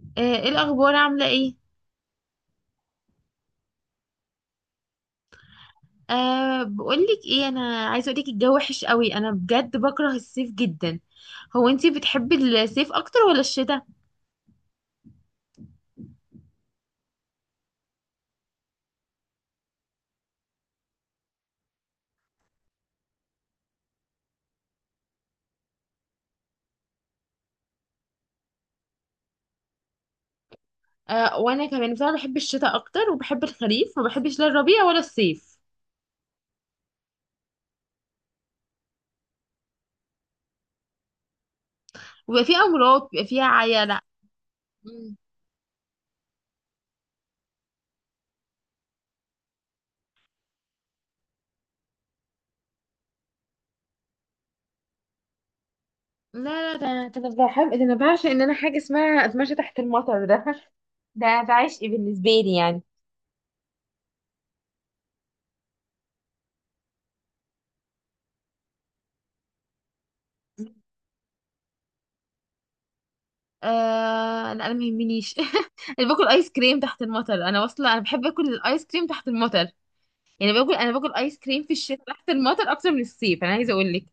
آه، ايه الاخبار؟ عامله ايه؟ بقولك ايه، انا عايزه اقولك الجو وحش قوي. انا بجد بكره الصيف جدا. هو انتي بتحبي الصيف اكتر ولا الشتاء؟ وانا كمان بصراحه بحب الشتاء اكتر، وبحب الخريف، ما بحبش لا الربيع ولا الصيف. ويبقى فيه امراض بيبقى فيها عيله. مم. لا ده انا بحب، ده انا بعشق ان انا حاجه اسمها اتمشى تحت المطر ده. ده عشق بالنسبه لي يعني. آه لا، انا ما يهمنيش. انا باكل ايس كريم تحت المطر، انا واصله، انا بحب اكل الايس كريم تحت المطر. يعني باكل، انا باكل ايس كريم في الشتاء تحت المطر اكتر من الصيف، انا عايزه اقول لك.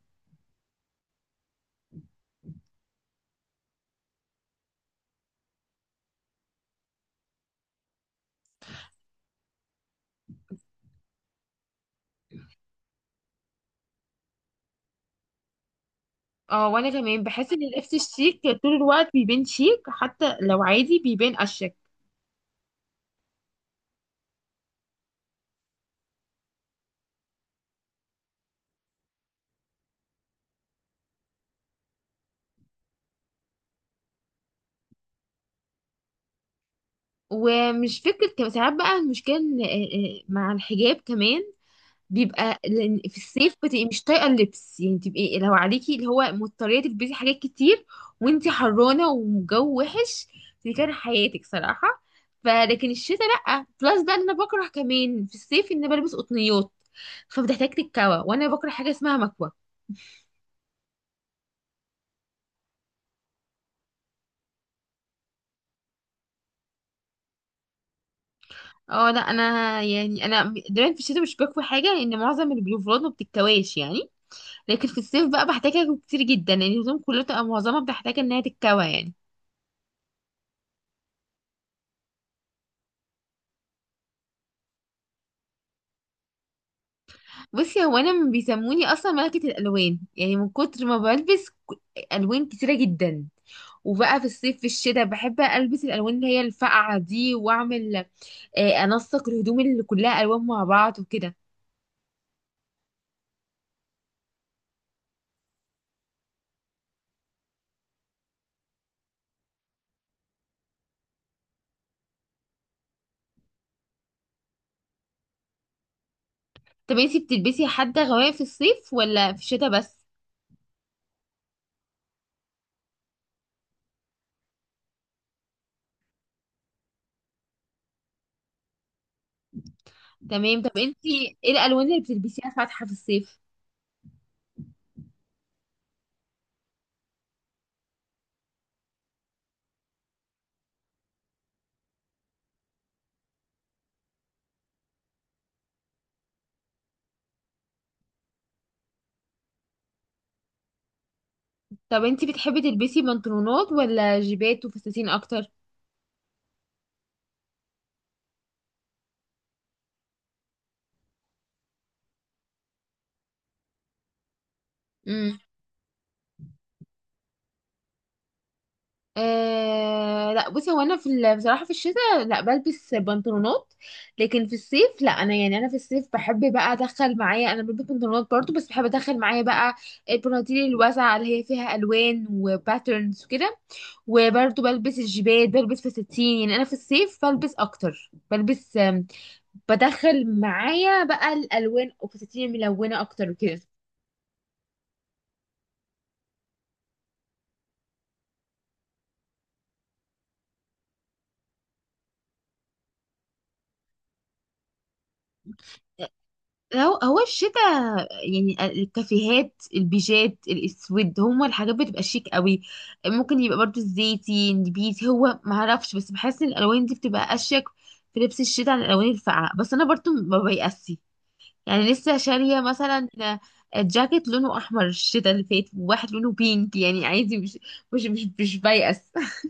اه وانا كمان بحس ان اللبس الشيك طول الوقت بيبان شيك، حتى لو عادي بيبان اشيك. ومش فكره كم ساعات بقى المشكله إيه- إيه، مع الحجاب كمان بيبقى، لان في الصيف بتبقي مش طايقه اللبس، يعني تبقي لو عليكي اللي هو مضطريه تلبسي حاجات كتير، وانتي حرانه وجو وحش. دي كان حياتك صراحه. فلكن الشتاء لا. بلس بقى ان انا بكره كمان في الصيف ان أنا بلبس قطنيات، فبتحتاج تتكوى، وانا بكره حاجه اسمها مكوى. اه لا انا يعني انا دايما في الشتاء مش بكوي حاجه، لان معظم البلوفرات ما بتتكواش يعني. لكن في الصيف بقى بحتاجها كتير جدا، لان يعني الهدوم كلها بتبقى معظمها بتحتاج انها تتكوى يعني. بصي، هو انا بيسموني اصلا ملكة الالوان، يعني من كتر ما بلبس الوان كتيرة جدا. وبقى في الصيف في الشتاء بحب البس الالوان اللي هي الفقعة دي، واعمل انسق الهدوم اللي كلها الوان مع بعض وكده. طب انتي بتلبسي حتى غواية في الصيف ولا في الشتاء بس؟ تمام. طب انتي ايه الالوان اللي بتلبسيها فاتحة في الصيف؟ طب انتي بتحبي تلبسي بنطلونات ولا جيبات وفساتين اكتر؟ إمم. آه لا، بصي، هو انا في بصراحه في الشتاء لا بلبس بنطلونات. لكن في الصيف لا، انا يعني انا في الصيف بحب بقى ادخل معايا، انا بلبس بنطلونات برضو، بس بحب ادخل معايا بقى البناطيل الواسعه اللي هي فيها الوان وباترنز وكده. وبرضو بلبس الجيبات، بلبس فساتين، يعني انا في الصيف بلبس اكتر، بلبس بدخل معايا بقى الالوان وفساتين ملونه اكتر وكده. هو الشتاء يعني الكافيهات البيجات الاسود هما الحاجات بتبقى شيك قوي. ممكن يبقى برضو الزيتي النبيتي، هو ما اعرفش، بس بحس ان الالوان دي بتبقى اشيك في لبس الشتاء عن الالوان الفاقعه. بس انا برضو ما بيأسي، يعني لسه شاريه مثلا جاكيت لونه احمر الشتاء اللي فات، وواحد لونه بينك، يعني عادي، مش مش مش, مش بيأس.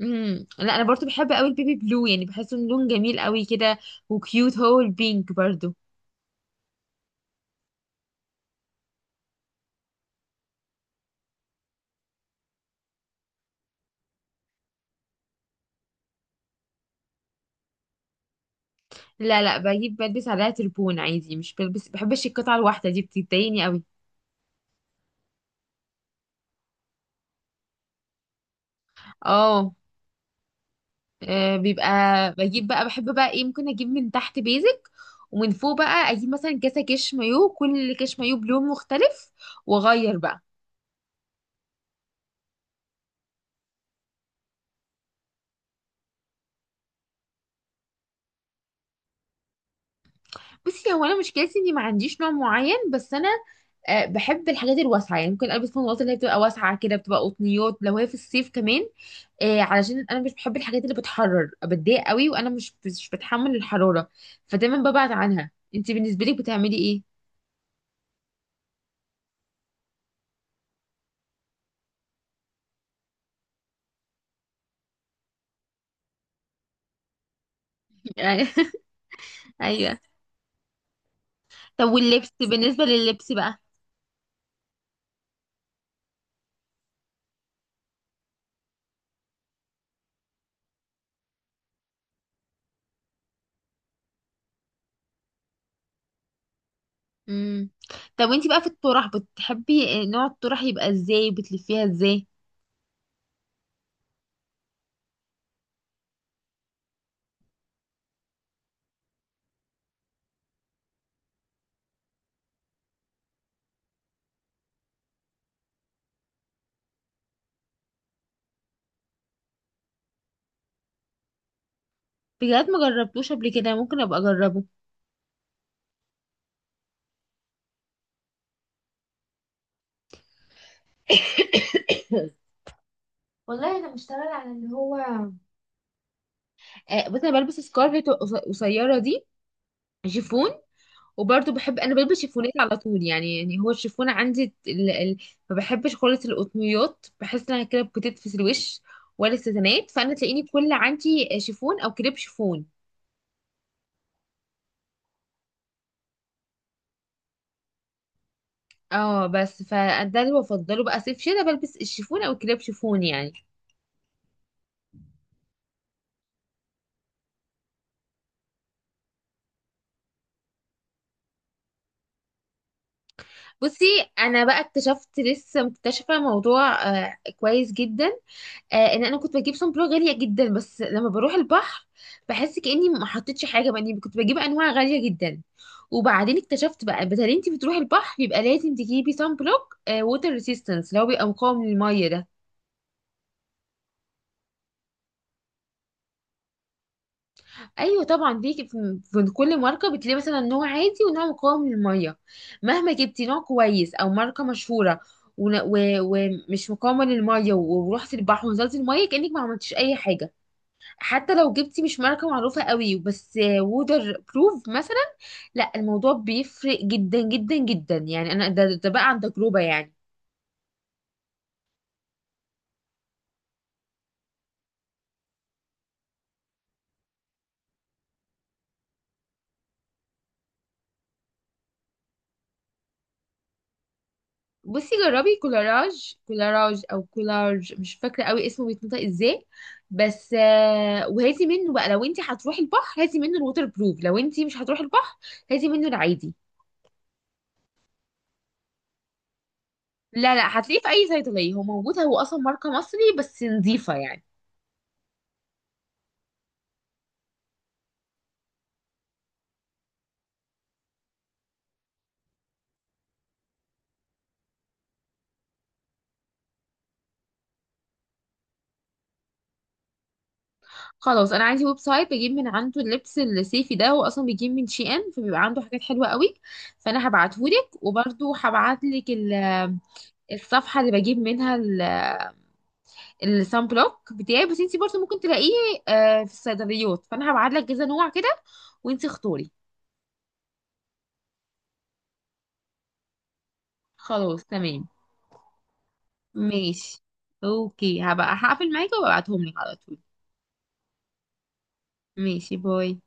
امم، لا انا برضو بحب قوي البيبي بلو، يعني بحسه إنه لون جميل قوي كده، وكيوت. هو البينك برضو. لا بجيب بلبس عليها تربون عادي، مش بلبس، بحبش القطعة الواحدة دي، بتضايقني قوي. اه، بيبقى بجيب بقى، بحب بقى ايه، ممكن اجيب من تحت بيزك، ومن فوق بقى اجيب مثلا كاسة كش مايو، كل كش مايو بلون مختلف، واغير بقى. بصي، هو انا مشكلتي اني ما عنديش نوع معين، بس انا بحب الحاجات الواسعه، يعني ممكن البس فانوات اللي هي بتبقى واسعه كده، بتبقى قطنيات لو هي في الصيف كمان، آه علشان انا مش بحب الحاجات اللي بتحرر، بتضايق قوي، وانا مش بتحمل الحراره، فدايما ببعد عنها. انت بالنسبه لك بتعملي ايه؟ ايوه. طب واللبس، بالنسبه لللبس بقى؟ امم. طب وانت بقى في الطرح بتحبي نوع الطرح يبقى ازاي؟ بتلفيها ازاي؟ بجد ما جربتوش قبل كده، ممكن ابقى اجربه. والله انا بشتغل على اللي هو، آه، بس انا بلبس سكارفت قصيره دي شيفون. وبرضه بحب، انا بلبس شيفونات على طول، يعني يعني هو الشيفون عندي ما بحبش خالص القطنيات، بحس انها كده بتتفس الوش، ولا الستانات، فانا تلاقيني كل عندي شيفون او كريب شيفون. اه، بس فده اللي بفضله بقى، صيف شتا بلبس الشيفون او كريب شيفون يعني. بصي، انا بقى اكتشفت لسه، مكتشفه موضوع كويس جدا، آه، ان انا كنت بجيب صن بلوك غاليه جدا، بس لما بروح البحر بحس كاني ما حطيتش حاجه. بقى إني كنت بجيب انواع غاليه جدا، وبعدين اكتشفت بقى، بدل انت بتروحي البحر يبقى لازم تجيبي صن بلوك ووتر ريسيستنس اللي هو بيبقى مقاوم للميه ده. ايوه طبعا، في كل ماركه بتلاقي مثلا نوع عادي ونوع مقاوم للميه. مهما جبتي نوع كويس او ماركه مشهوره ون- و- ومش مقاومه للميه، ورحتي البحر ونزلتي الميه كانك ما عملتيش اي حاجه. حتى لو جبتي مش ماركة معروفة قوي، بس وودر بروف مثلا، لا، الموضوع بيفرق جدا جدا جدا يعني. انا ده بقى عن تجربة يعني. بصي، جربي كولاراج، كولاراج او كولارج مش فاكرة قوي اسمه بيتنطق ازاي، بس وهاتي منه بقى، لو انت هتروحي البحر هاتي منه الووتر بروف، لو انت مش هتروحي البحر هاتي منه العادي. لا هتلاقيه في اي صيدلية، هو موجود، هو اصلا ماركة مصري بس نظيفة يعني. خلاص، انا عندي ويب سايت بجيب من عنده اللبس الصيفي ده، هو اصلا بيجيب من شي ان، فبيبقى عنده حاجات حلوه قوي، فانا هبعتهولك. وبرده هبعتلك الصفحه اللي بجيب منها الصن بلوك بتاعي، بس انتي برضه ممكن تلاقيه في الصيدليات، فانا هبعتلك كذا نوع كده وانتي اختاري. خلاص تمام ماشي. اوكي، هبقى هقفل معاكي وابعتهم لك على طول. ماشي، باي.